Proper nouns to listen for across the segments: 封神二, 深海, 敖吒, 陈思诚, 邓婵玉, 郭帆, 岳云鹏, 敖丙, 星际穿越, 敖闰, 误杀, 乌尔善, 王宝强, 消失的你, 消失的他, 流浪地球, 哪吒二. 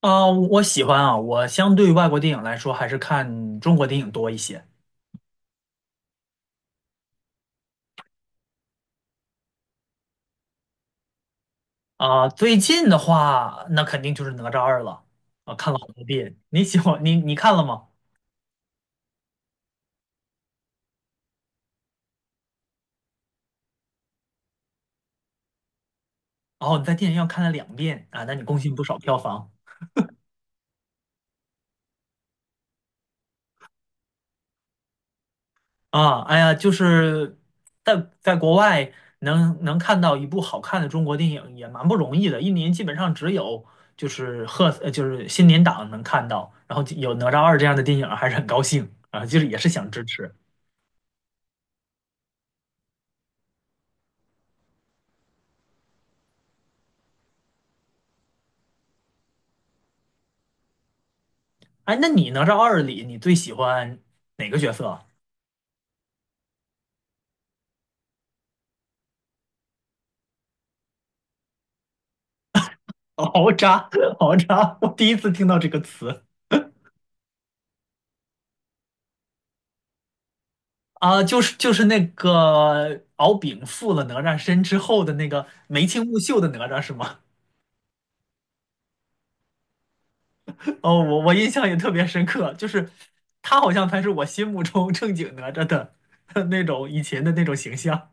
啊，我喜欢啊，我相对于外国电影来说，还是看中国电影多一些。啊。最近的话，那肯定就是《哪吒二》了。啊，看了好多遍。你看了吗？哦，你在电影院看了两遍啊，那你贡献不少票房。啊。哎呀，就是在国外能看到一部好看的中国电影也蛮不容易的，一年基本上只有就是贺呃就是新年档能看到，然后有《哪吒二》这样的电影，还是很高兴啊，就是也是想支持。哎，那你哪吒二里，你最喜欢哪个角色？敖吒，敖吒，我第一次听到这个词。啊，就是那个敖丙附了哪吒身之后的那个眉清目秀的哪吒是吗？哦，我印象也特别深刻，就是他好像才是我心目中正经哪吒的 那种以前的那种形象。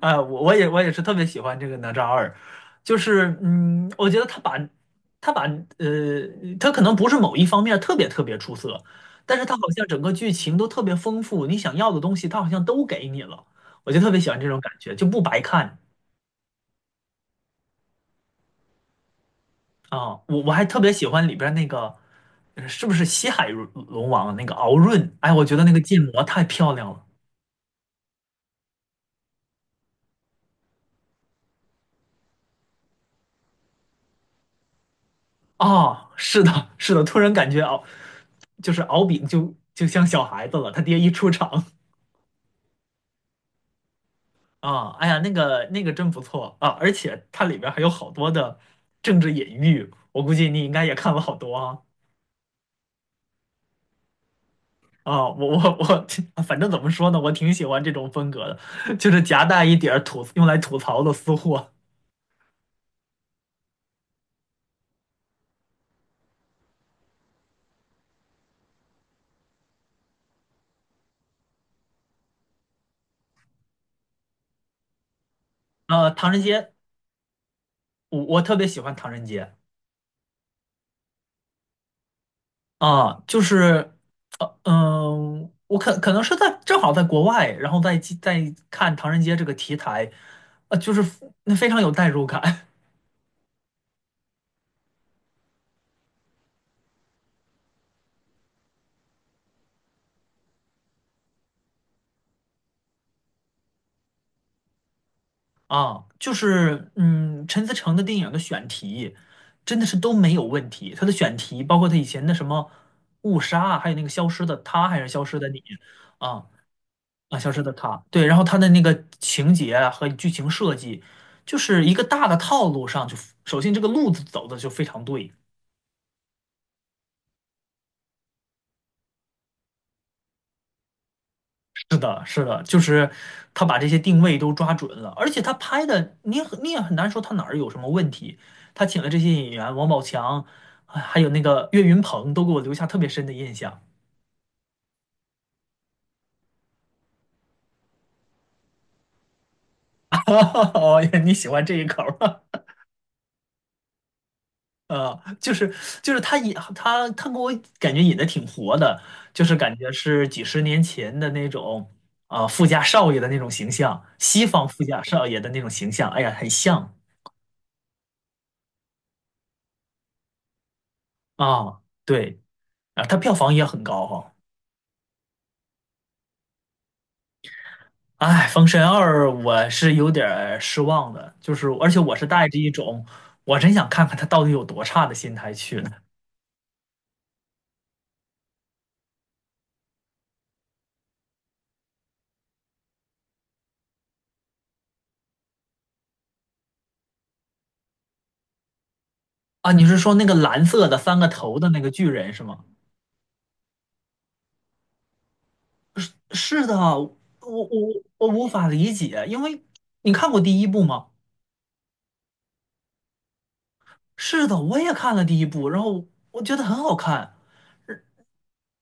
我也是特别喜欢这个哪吒二，就是我觉得他把他可能不是某一方面特别特别出色，但是他好像整个剧情都特别丰富，你想要的东西他好像都给你了，我就特别喜欢这种感觉，就不白看。啊。我还特别喜欢里边儿那个是不是西海龙王那个敖闰？哎，我觉得那个建模太漂亮了。啊！是的，是的，突然感觉敖丙就像小孩子了，他爹一出场。啊，哎呀，那个真不错啊，而且它里边儿还有好多的政治隐喻，我估计你应该也看了好多啊。啊，我我我，反正怎么说呢，我挺喜欢这种风格的，就是夹带一点儿用来吐槽的私货。唐人街，我特别喜欢唐人街。啊，就是，我可能是正好在国外，然后在看唐人街这个题材，就是那非常有代入感。啊，就是陈思诚的电影的选题真的是都没有问题。他的选题，包括他以前的什么《误杀》，还有那个《消失的他》，还是《消失的你》？啊。啊，《消失的他》对，然后他的那个情节啊和剧情设计，就是一个大的套路上就，首先这个路子走的就非常对。是的，是的，就是他把这些定位都抓准了，而且他拍的，你也很难说他哪儿有什么问题。他请了这些演员，王宝强，啊还有那个岳云鹏，都给我留下特别深的印象。哦，你喜欢这一口儿。啊 就是他引他他给我感觉演的挺活的，就是感觉是几十年前的那种啊、富家少爷的那种形象，西方富家少爷的那种形象。哎呀，很像。啊，对啊，他票房也很高哈。哎，《封神二》我是有点儿失望的，就是而且我是带着一种我真想看看他到底有多差的心态去的。啊！你是说那个蓝色的三个头的那个巨人是吗？是的，我我我无法理解，因为你看过第一部吗？是的，我也看了第一部，然后我觉得很好看，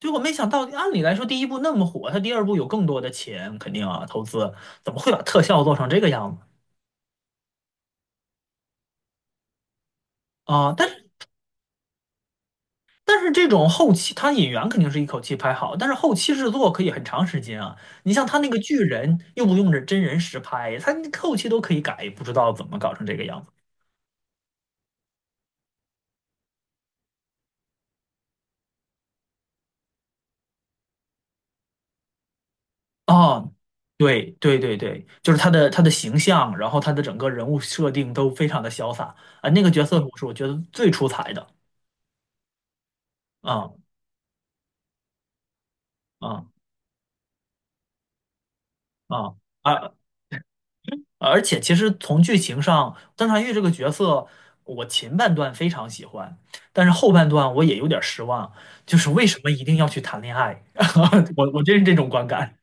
结果没想到，按理来说第一部那么火，他第二部有更多的钱，肯定啊投资，怎么会把特效做成这个样子？啊，但是。但是这种后期，他演员肯定是一口气拍好，但是后期制作可以很长时间啊。你像他那个巨人，又不用着真人实拍，他那后期都可以改，不知道怎么搞成这个样子。啊。对对对对，就是他的形象，然后他的整个人物设定都非常的潇洒。啊。那个角色我是我觉得最出彩的。啊。啊。啊。啊！啊，而且其实从剧情上，邓婵玉这个角色，我前半段非常喜欢，但是后半段我也有点失望，就是为什么一定要去谈恋爱？我真是这种观感。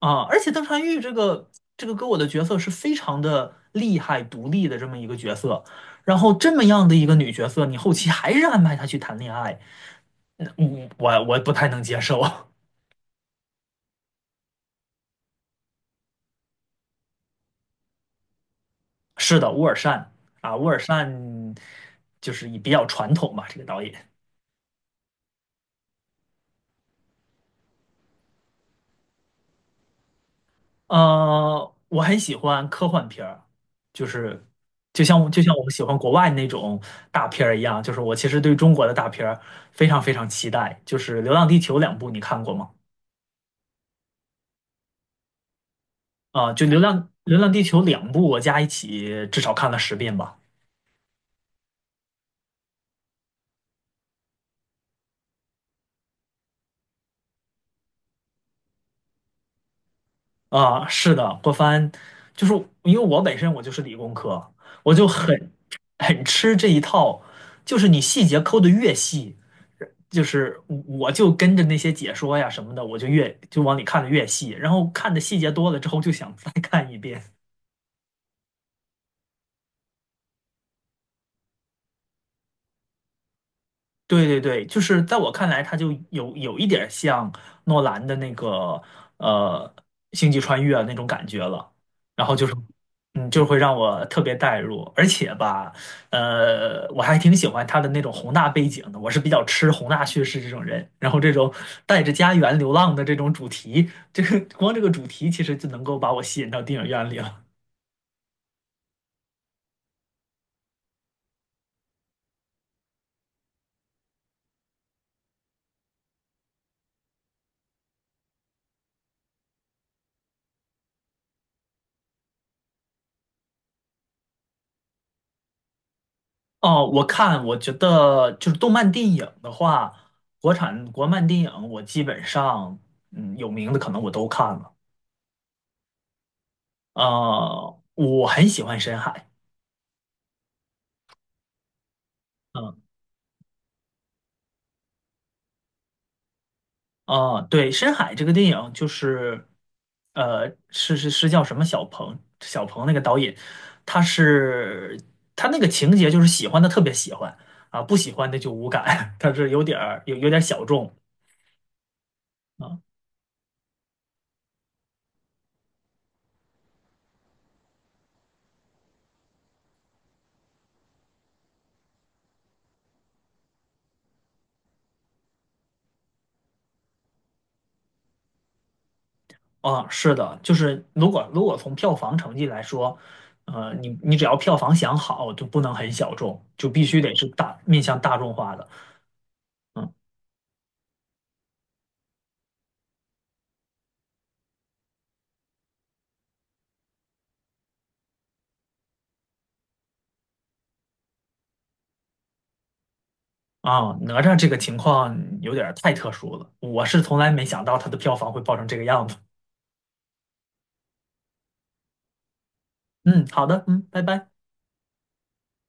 啊！而且邓婵玉这个给我的角色是非常的厉害、独立的这么一个角色，然后这么样的一个女角色，你后期还是安排她去谈恋爱，我不太能接受。是的，乌尔善。啊，乌尔善就是也比较传统吧，这个导演。我很喜欢科幻片儿，就是就像我就像我们喜欢国外那种大片儿一样，就是我其实对中国的大片儿非常非常期待。就是《流浪地球》两部，你看过吗？啊、就《流浪地球》两部，我加一起至少看了10遍吧。啊，是的，郭帆，就是因为我本身我就是理工科，我就很 很吃这一套，就是你细节抠的越细，就是我就跟着那些解说呀什么的，我就越就往里看的越细，然后看的细节多了之后就想再看一遍。对对对，就是在我看来，它就有一点像诺兰的那个呃《星际穿越》那种感觉了，然后就是就会让我特别带入，而且吧，我还挺喜欢他的那种宏大背景的，我是比较吃宏大叙事这种人，然后这种带着家园流浪的这种主题，这个光这个主题其实就能够把我吸引到电影院里了。哦，我看，我觉得就是动漫电影的话，国产国漫电影我基本上，嗯，有名的可能我都看了。啊，我很喜欢《深海》。嗯。啊，对，《深海》这个电影就是，是叫什么小鹏？小鹏那个导演，他是他那个情节就是喜欢的特别喜欢。啊，不喜欢的就无感，他是有点儿小众。啊。啊，是的，就是如果从票房成绩来说，呃，你只要票房想好，就不能很小众，就必须得是大面向大众化的。嗯。啊，哪吒这个情况有点儿太特殊了，我是从来没想到它的票房会爆成这个样子。嗯，好的，嗯，拜拜。